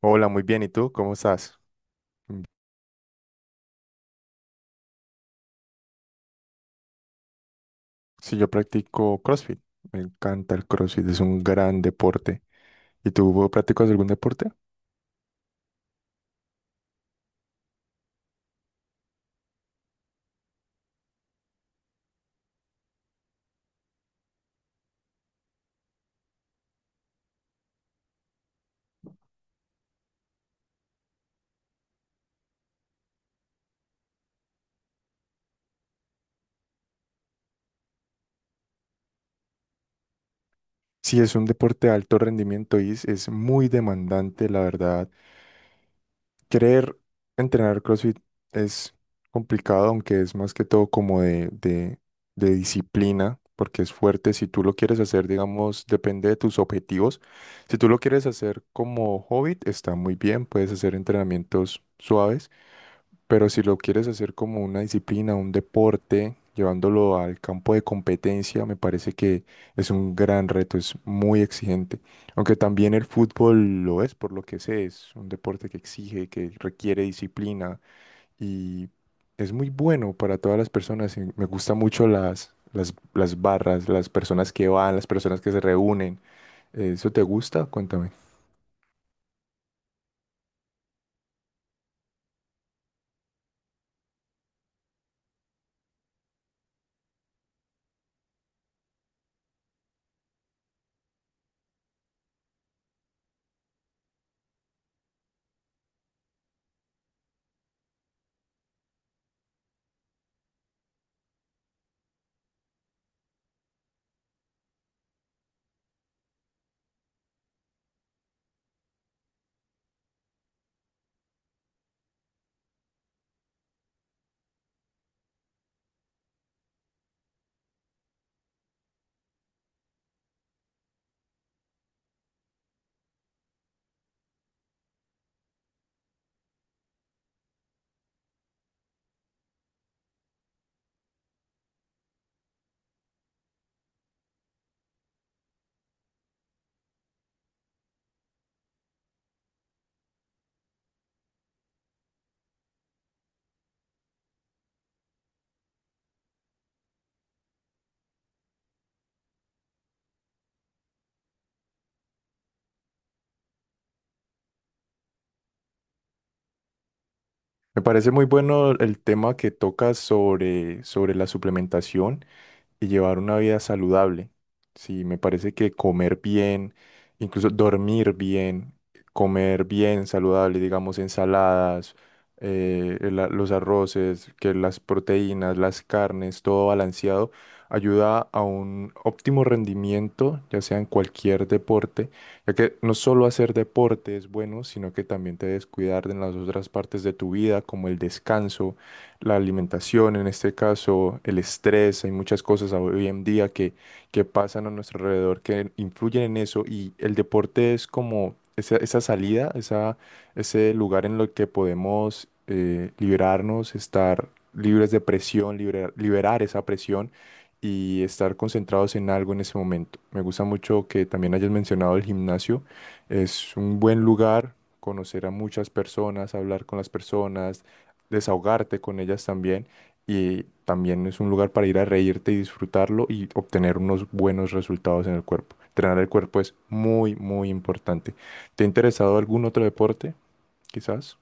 Hola, muy bien. ¿Y tú? ¿Cómo estás? Mm, sí, yo practico CrossFit. Me encanta el CrossFit, es un gran deporte. ¿Y tú practicas algún deporte? Sí, es un deporte de alto rendimiento y es muy demandante, la verdad. Querer entrenar CrossFit es complicado, aunque es más que todo como de disciplina, porque es fuerte. Si tú lo quieres hacer, digamos, depende de tus objetivos. Si tú lo quieres hacer como hobby, está muy bien, puedes hacer entrenamientos suaves. Pero si lo quieres hacer como una disciplina, un deporte, llevándolo al campo de competencia, me parece que es un gran reto, es muy exigente. Aunque también el fútbol lo es, por lo que sé, es un deporte que exige, que requiere disciplina y es muy bueno para todas las personas. Y Me gusta mucho las barras, las personas que van, las personas que se reúnen. ¿Eso te gusta? Cuéntame. Me parece muy bueno el tema que tocas sobre la suplementación y llevar una vida saludable. Sí, me parece que comer bien, incluso dormir bien, comer bien saludable, digamos ensaladas, el los arroces, que las proteínas, las carnes, todo balanceado, ayuda a un óptimo rendimiento, ya sea en cualquier deporte, ya que no solo hacer deporte es bueno, sino que también te debes cuidar en las otras partes de tu vida, como el descanso, la alimentación, en este caso el estrés. Hay muchas cosas hoy en día que pasan a nuestro alrededor que influyen en eso, y el deporte es como esa salida, esa, ese lugar en lo que podemos liberarnos, estar libres de presión, liberar esa presión y estar concentrados en algo en ese momento. Me gusta mucho que también hayas mencionado el gimnasio, es un buen lugar, conocer a muchas personas, hablar con las personas, desahogarte con ellas también, y también es un lugar para ir a reírte y disfrutarlo y obtener unos buenos resultados en el cuerpo. Entrenar el cuerpo es muy importante. ¿Te ha interesado algún otro deporte? Quizás.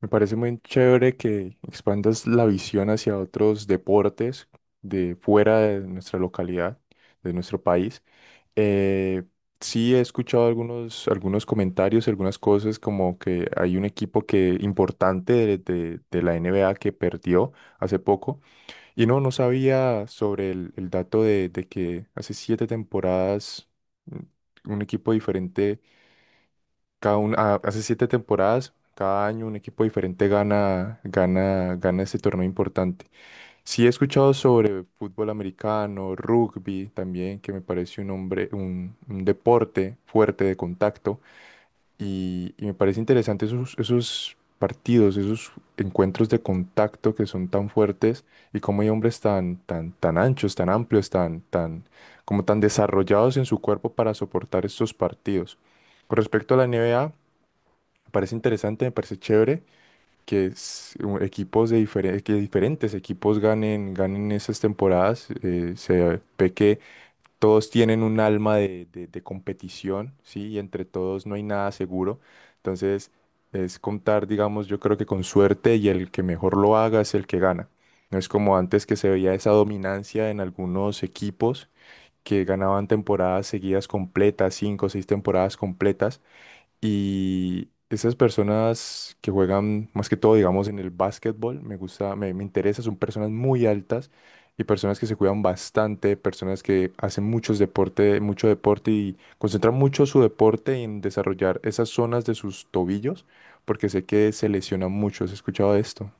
Me parece muy chévere que expandas la visión hacia otros deportes de fuera de nuestra localidad, de nuestro país. Eh, sí he escuchado algunos comentarios, algunas cosas como que hay un equipo que importante de la NBA que perdió hace poco. Y no sabía sobre el dato de que hace 7 temporadas, mm, un equipo diferente, hace 7 temporadas, cada año un equipo diferente gana ese torneo importante. Sí he escuchado sobre fútbol americano, rugby también, que me parece un hombre, un deporte fuerte de contacto, y me parece interesante esos partidos, esos encuentros de contacto que son tan fuertes, y cómo hay hombres tan anchos, tan amplios, como tan desarrollados en su cuerpo para soportar estos partidos. Con respecto a la N. B. A. me parece interesante, me parece chévere que equipos de diferentes, que diferentes equipos ganen, ganen esas temporadas. Eh, se ve que todos tienen un alma de competición, ¿sí? Y entre todos no hay nada seguro. Entonces, es contar, digamos, yo creo que con suerte, y el que mejor lo haga es el que gana. No es como antes, que se veía esa dominancia en algunos equipos que ganaban temporadas seguidas completas, 5 o 6 temporadas completas, y esas personas que juegan más que todo, digamos, en el básquetbol, me gusta, me interesa, son personas muy altas y personas que se cuidan bastante, personas que hacen muchos deporte, mucho deporte, y concentran mucho su deporte en desarrollar esas zonas de sus tobillos, porque sé que se lesionan mucho. ¿Has escuchado de esto?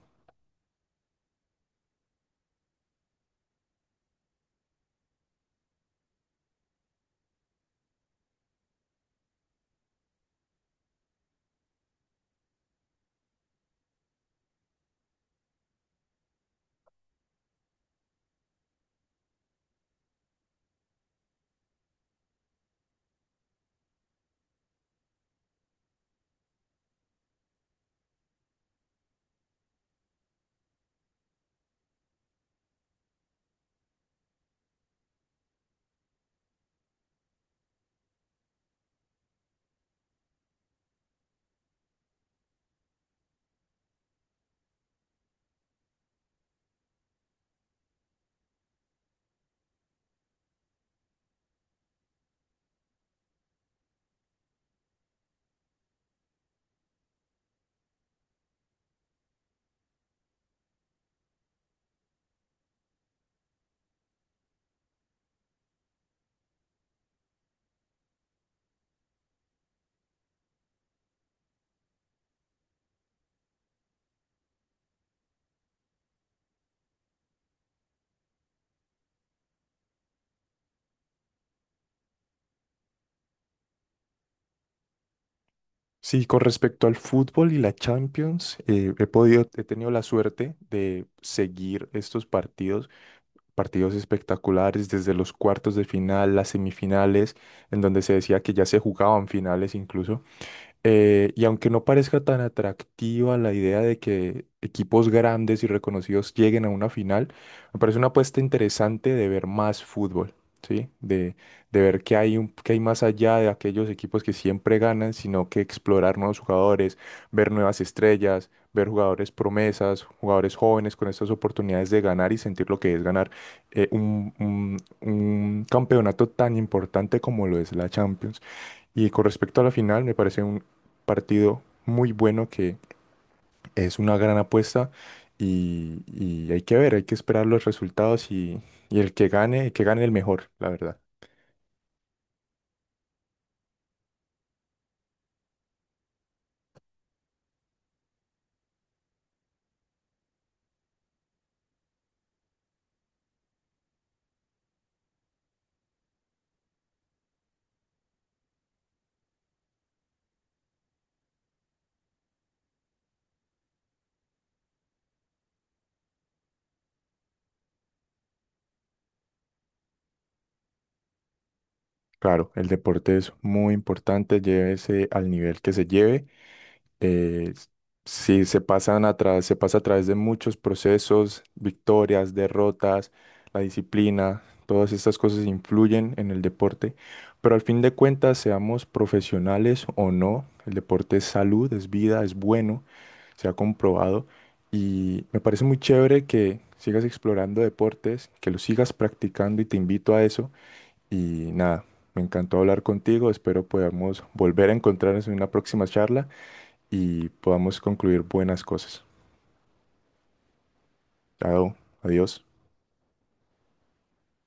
Sí, con respecto al fútbol y la Champions, he podido, he tenido la suerte de seguir estos partidos espectaculares desde los cuartos de final, las semifinales, en donde se decía que ya se jugaban finales incluso. Y aunque no parezca tan atractiva la idea de que equipos grandes y reconocidos lleguen a una final, me parece una apuesta interesante de ver más fútbol, ¿sí? De ver qué hay, qué hay más allá de aquellos equipos que siempre ganan, sino que explorar nuevos jugadores, ver nuevas estrellas, ver jugadores promesas, jugadores jóvenes con estas oportunidades de ganar y sentir lo que es ganar un campeonato tan importante como lo es la Champions. Y con respecto a la final, me parece un partido muy bueno, que es una gran apuesta, y hay que ver, hay que esperar los resultados, y el que gane, el que gane el mejor, la verdad. Claro, el deporte es muy importante, llévese al nivel que se lleve. eh, sí, se pasa a través de muchos procesos, victorias, derrotas, la disciplina, todas estas cosas influyen en el deporte, pero al fin de cuentas, seamos profesionales o no, el deporte es salud, es vida, es bueno, se ha comprobado, y me parece muy chévere que sigas explorando deportes, que los sigas practicando, y te invito a eso y nada. Me encantó hablar contigo, espero podamos volver a encontrarnos en una próxima charla y podamos concluir buenas cosas. Chao, adiós.